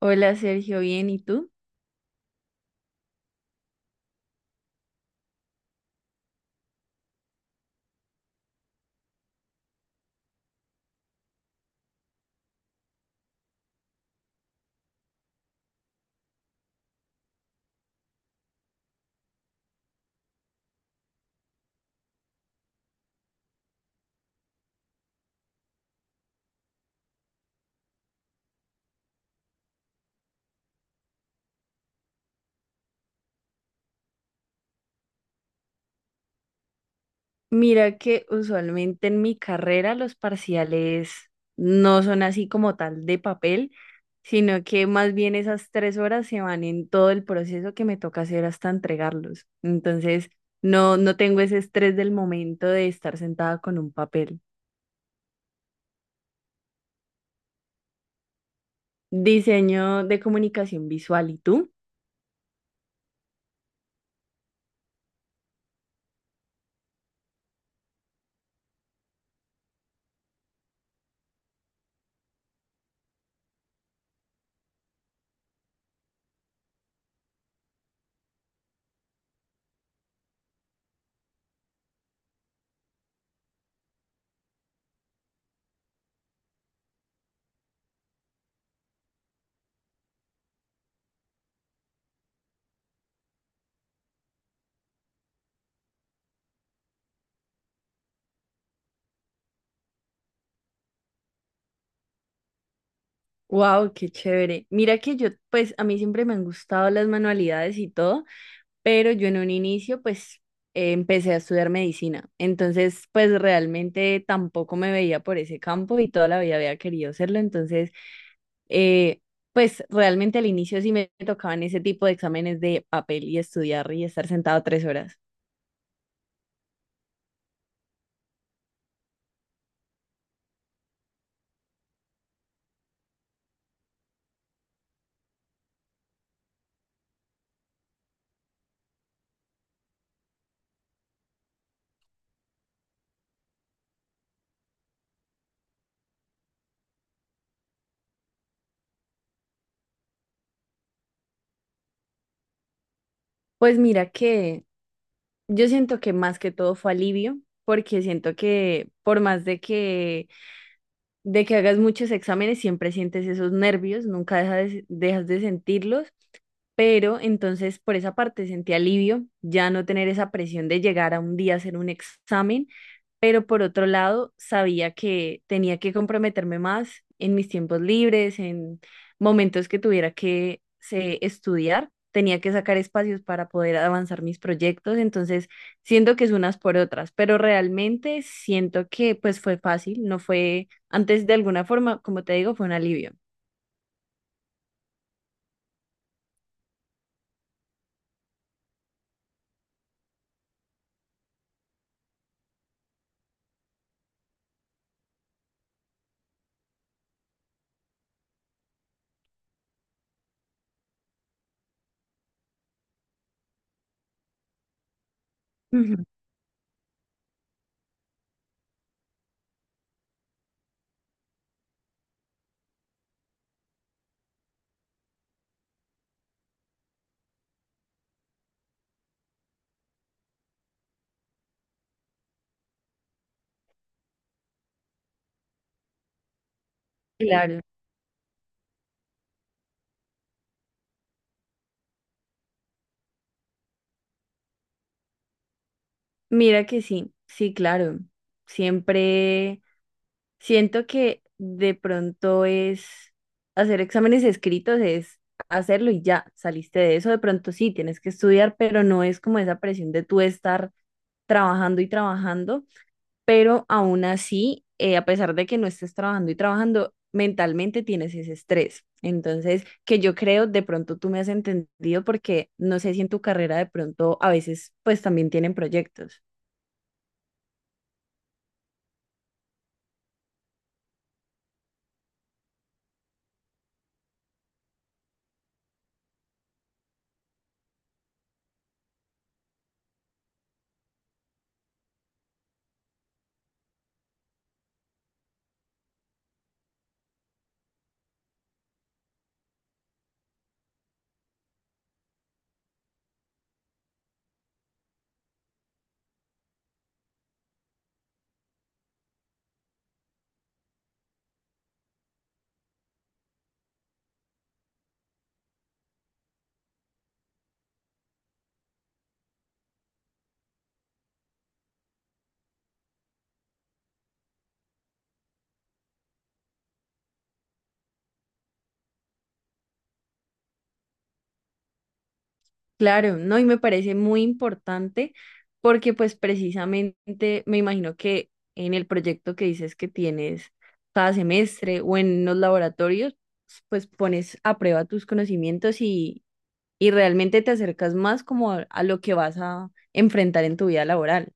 Hola Sergio, bien, ¿y tú? Mira que usualmente en mi carrera los parciales no son así como tal de papel, sino que más bien esas 3 horas se van en todo el proceso que me toca hacer hasta entregarlos. Entonces, no, no tengo ese estrés del momento de estar sentada con un papel. Diseño de comunicación visual, ¿y tú? Wow, qué chévere. Mira que yo, pues a mí siempre me han gustado las manualidades y todo. Pero yo en un inicio, pues empecé a estudiar medicina, entonces pues realmente tampoco me veía por ese campo y toda la vida había querido hacerlo. Entonces, eh, pues realmente al inicio sí me tocaban ese tipo de exámenes de papel y estudiar y estar sentado 3 horas. Pues mira que yo siento que más que todo fue alivio, porque siento que por más de que hagas muchos exámenes, siempre sientes esos nervios, nunca dejas de sentirlos, pero entonces por esa parte sentí alivio, ya no tener esa presión de llegar a un día a hacer un examen, pero por otro lado sabía que tenía que comprometerme más en mis tiempos libres, en momentos que tuviera que estudiar. Tenía que sacar espacios para poder avanzar mis proyectos. Entonces, siento que es unas por otras, pero realmente siento que pues fue fácil, no fue antes; de alguna forma, como te digo, fue un alivio. Ujú. Claro. Mira que sí, sí, claro. Siempre siento que de pronto es hacer exámenes escritos, es hacerlo y ya, saliste de eso. De pronto sí, tienes que estudiar, pero no es como esa presión de tú estar trabajando y trabajando. Pero aún así, a pesar de que no estés trabajando y trabajando, mentalmente tienes ese estrés. Entonces, que yo creo, de pronto tú me has entendido, porque no sé si en tu carrera de pronto a veces pues también tienen proyectos. Claro, ¿no? Y me parece muy importante porque pues precisamente me imagino que en el proyecto que dices que tienes cada semestre o en los laboratorios, pues pones a prueba tus conocimientos, y realmente te acercas más como a lo que vas a enfrentar en tu vida laboral.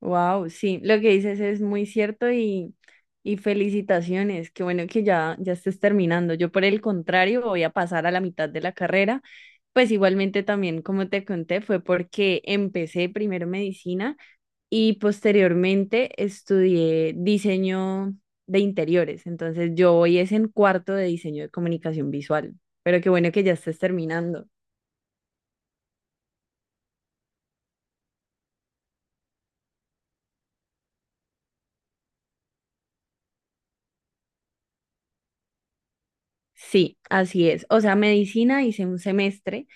Wow, sí, lo que dices es muy cierto, y felicitaciones, qué bueno que ya, ya estés terminando. Yo por el contrario voy a pasar a la mitad de la carrera, pues igualmente también, como te conté, fue porque empecé primero medicina y posteriormente estudié diseño de interiores. Entonces, yo hoy es en cuarto de diseño de comunicación visual, pero qué bueno que ya estés terminando. Sí, así es. O sea, medicina hice un semestre,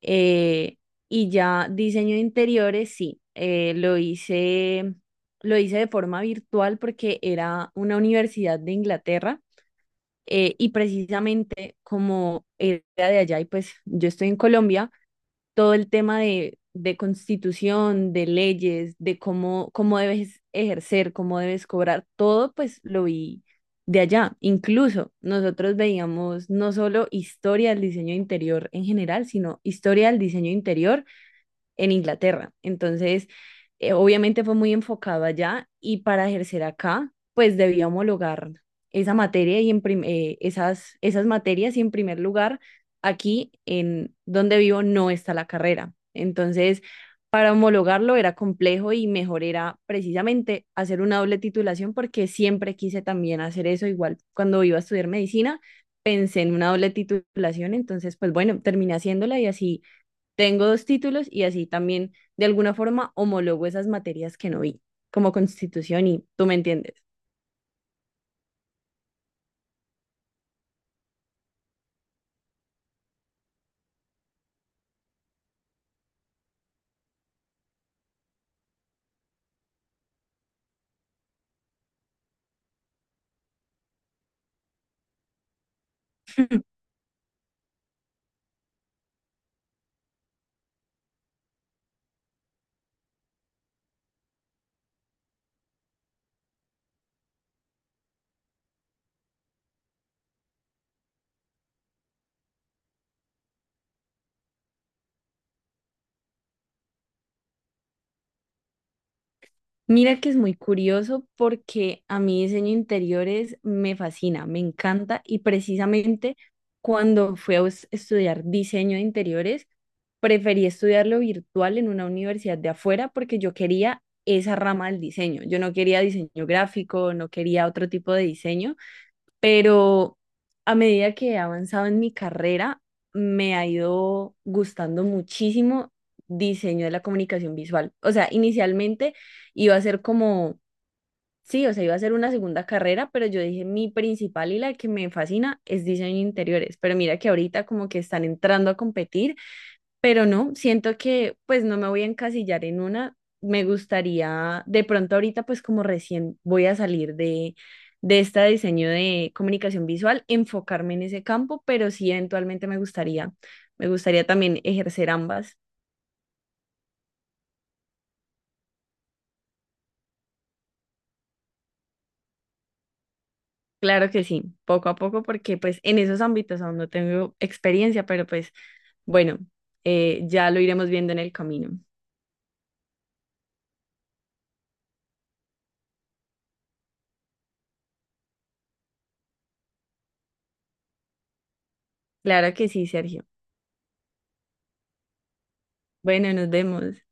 eh, y ya diseño de interiores, sí, lo hice de forma virtual porque era una universidad de Inglaterra, y precisamente, como era de allá y pues yo estoy en Colombia, todo el tema de, constitución, de leyes, de cómo debes ejercer, cómo debes cobrar, todo pues lo vi de allá. Incluso nosotros veíamos no solo historia del diseño interior en general, sino historia del diseño interior en Inglaterra. Entonces, obviamente fue muy enfocado allá, y para ejercer acá pues debía homologar esa materia y esas materias, y en primer lugar, aquí en donde vivo no está la carrera. Entonces, para homologarlo era complejo y mejor era precisamente hacer una doble titulación, porque siempre quise también hacer eso. Igual cuando iba a estudiar medicina, pensé en una doble titulación; entonces pues bueno, terminé haciéndola, y así tengo dos títulos y así también de alguna forma homologo esas materias que no vi, como constitución, y tú me entiendes. Mira que es muy curioso porque a mí diseño de interiores me fascina, me encanta, y precisamente cuando fui a estudiar diseño de interiores, preferí estudiarlo virtual en una universidad de afuera porque yo quería esa rama del diseño. Yo no quería diseño gráfico, no quería otro tipo de diseño, pero a medida que he avanzado en mi carrera, me ha ido gustando muchísimo diseño de la comunicación visual. O sea, inicialmente iba a ser como, sí, o sea, iba a ser una segunda carrera, pero yo dije, mi principal y la que me fascina es diseño de interiores. Pero mira que ahorita como que están entrando a competir, pero no, siento que pues no me voy a encasillar en una. Me gustaría, de pronto ahorita, pues como recién voy a salir de este diseño de comunicación visual, enfocarme en ese campo, pero sí eventualmente me gustaría también ejercer ambas. Claro que sí, poco a poco, porque pues en esos ámbitos aún no tengo experiencia, pero pues bueno, ya lo iremos viendo en el camino. Claro que sí, Sergio. Bueno, nos vemos.